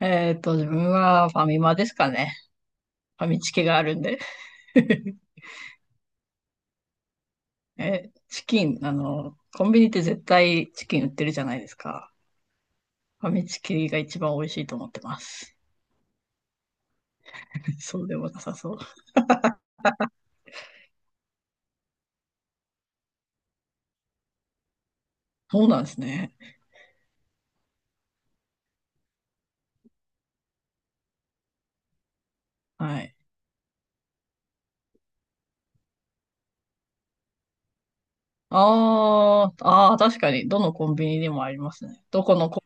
自分はファミマですかね。ファミチキがあるんで。チキン、コンビニって絶対チキン売ってるじゃないですか。ファミチキが一番美味しいと思ってます。そうでもなさそう。そうなんですね。はい。あー、あー、確かに、どのコンビニでもありますね。どこのコ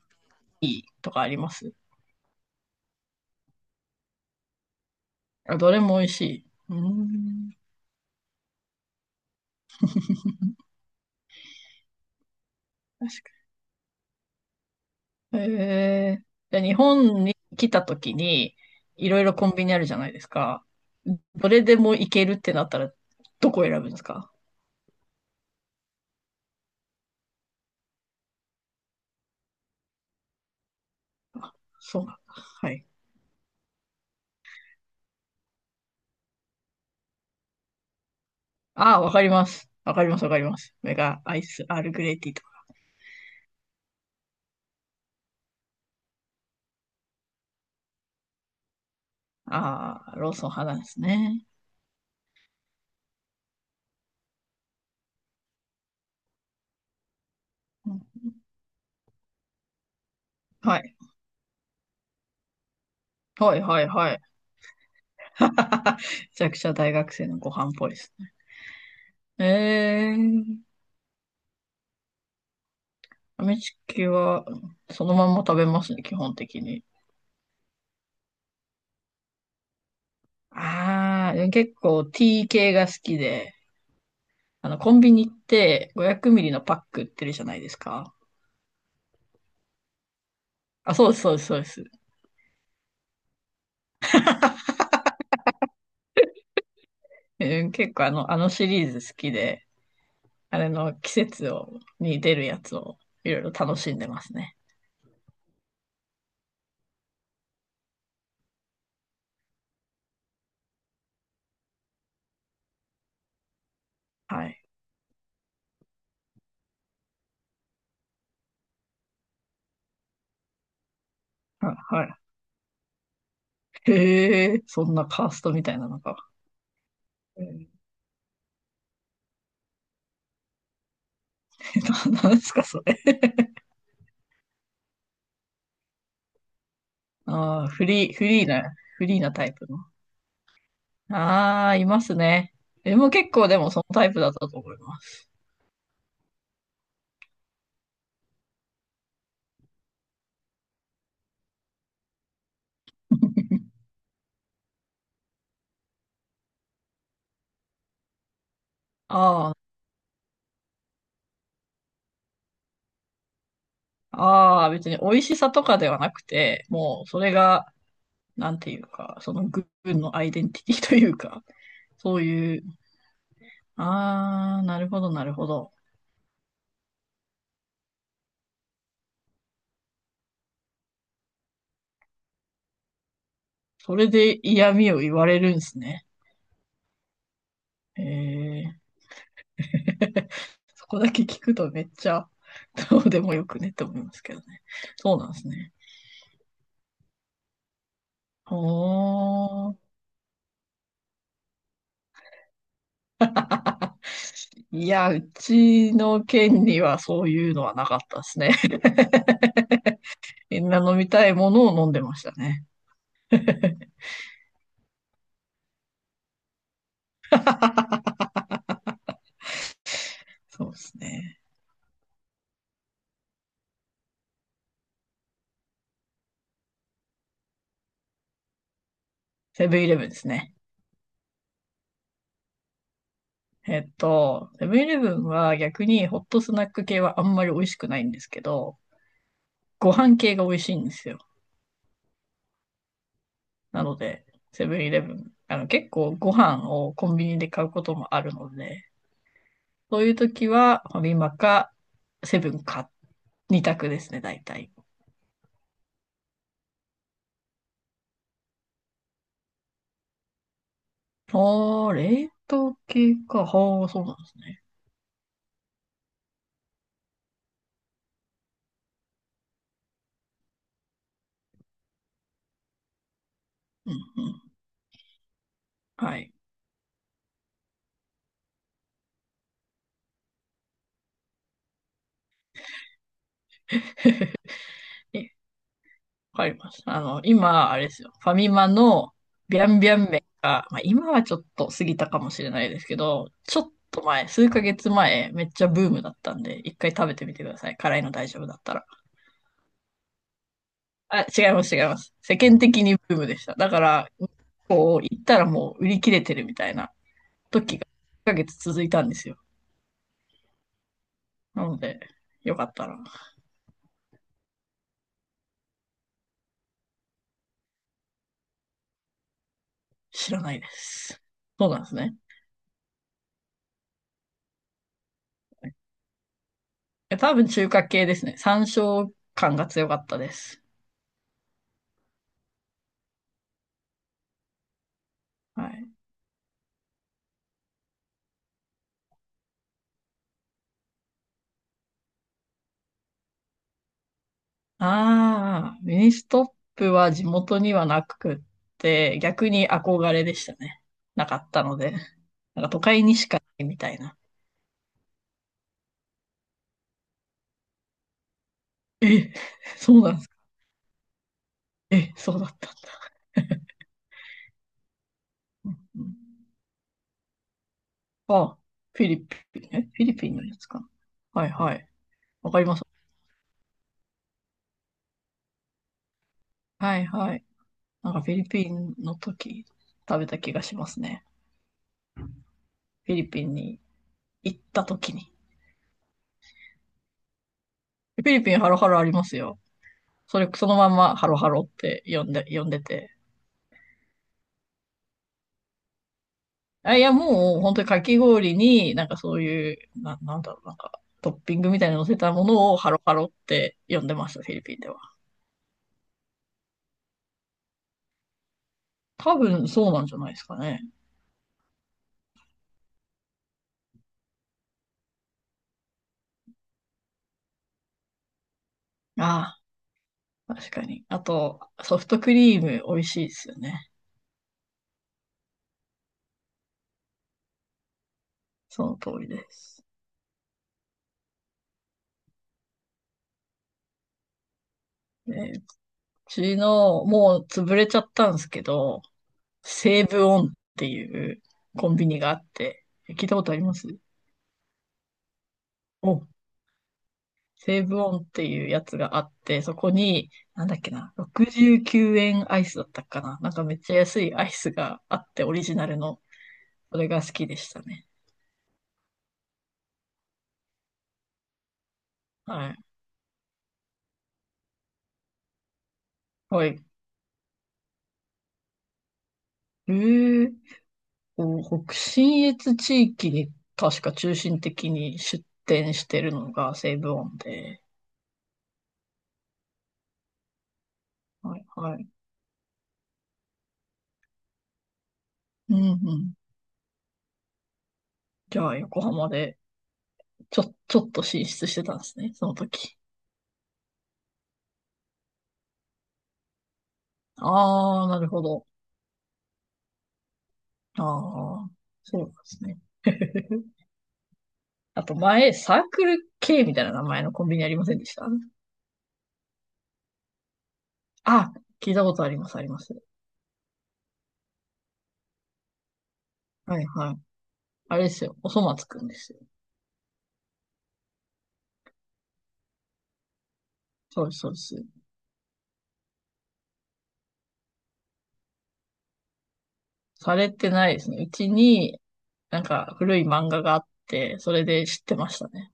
ピーとかあります？あ、どれも美味しい。うーん。へえ。じゃあ日本に来た時に、いろいろコンビニあるじゃないですか。どれでも行けるってなったら、どこ選ぶんですか？そうなんだ。はい。ああ、わかります。わかります、わかります。メガアイス、アールグレイティーとか。ああ、ローソン派なんですね。うん、はい。はい、はい、はい。めちゃくちゃ大学生のご飯っぽいですね。えー、ファミチキはそのまんま食べますね、基本的に。ああ、でも結構 T 系が好きで、コンビニ行って500ミリのパック売ってるじゃないですか。あ、そうです、そうです、そうです。うん、結構あのシリーズ好きで、あれの季節を、に出るやつをいろいろ楽しんでますね。はい。ははい。へえ、そんなカーストみたいなのか。うん、なんですか、それ。ああ、フリーなタイプの。ああ、いますね。でも結構でもそのタイプだったと思います。ああ、ああ、別に美味しさとかではなくて、もうそれがなんていうか、その軍のアイデンティティというか、そういう、なるほど、なるほど。それで嫌味を言われるんですね。えー、そこだけ聞くとめっちゃどうでもよくねって思いますけどね。そうなんですね。おー、いや、うちの県にはそういうのはなかったですね。みんな飲みたいものを飲んでましたね。そうですね。セブンイレブンですね。セブンイレブンは逆にホットスナック系はあんまり美味しくないんですけど、ご飯系が美味しいんですよ。なので、セブンイレブン、結構ご飯をコンビニで買うこともあるので、そういう時はファミマかセブンか2択ですね、大体。あー、冷凍系か。はあ、そうなんですね。うんうん。はい。え、わかります。今、あれですよ。ファミマのビャンビャン麺が、まあ、今はちょっと過ぎたかもしれないですけど、ちょっと前、数ヶ月前、めっちゃブームだったんで、一回食べてみてください。辛いの大丈夫だったら。あ、違います、違います。世間的にブームでした。だから、こう、行ったらもう売り切れてるみたいな時が、数ヶ月続いたんですよ。なので、よかったら、知らないです。そうなんですね。え、多分中華系ですね。山椒感が強かったです。はい。ああ、ミニストップは地元にはなくって、逆に憧れでしたね。なかったので。なんか都会にしかないみたいな。え、そうなんですか。え、そうだったんだ。うん。あ、フィリピンのやつかな。はいはい。わかります。はいはい。なんかフィリピンの時食べた気がしますね。フィリピンに行った時に。フィリピンハロハロありますよ。それ、そのまんまハロハロって呼んでて。あ、いや、もう、本当にかき氷に、なんかそういう、なんだろう、なんか、トッピングみたいに乗せたものをハロハロって呼んでます、フィリピンでは。多分そうなんじゃないですかね。ああ、確かに。あと、ソフトクリーム美味しいですよね。その通りです。で、うちの、もう潰れちゃったんですけど、西武オンっていうコンビニがあって、聞いたことあります？お、セーブオンっていうやつがあって、そこに、なんだっけな、69円アイスだったかな。なんかめっちゃ安いアイスがあって、オリジナルの。それが好きでしたね。はい。はい。えー、北信越地域に確か中心的に出店してるのがセーブオンで。はい、はい。うん、うん。じゃあ、横浜で、ちょっと進出してたんですね、その時。ああ、なるほど。ああ、そうなんですね。あと前、サークル K みたいな名前のコンビニありませんでした？あ、聞いたことあります、あります。はい、はい。あれですよ。おそ松くんですよ。そうです、そうです。されてないですね。うちに、なんか古い漫画があって、それで知ってましたね。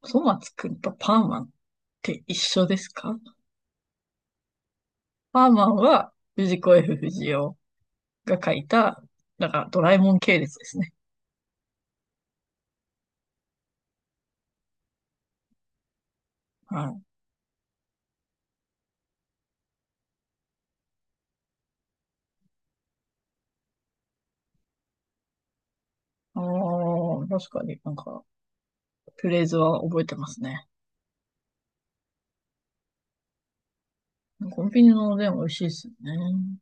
おそ松くんとパーマンって一緒ですか？パーマンは藤子 F 不二雄が書いた、なんかドラえもん系列ですね。はい。ああ、確かになんか、フレーズは覚えてますね。コンビニのおでん美味しいですよね。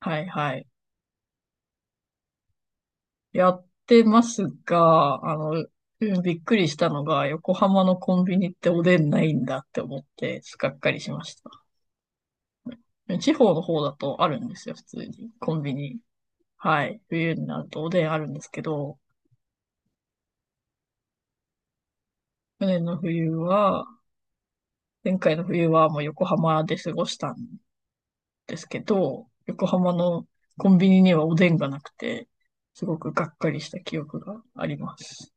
はいはい。やってますが、びっくりしたのが、横浜のコンビニっておでんないんだって思って、がっかりしました。地方の方だとあるんですよ、普通に。コンビニ。はい。冬になるとおでんあるんですけど、去年の冬は、前回の冬はもう横浜で過ごしたんですけど、横浜のコンビニにはおでんがなくて、すごくがっかりした記憶があります。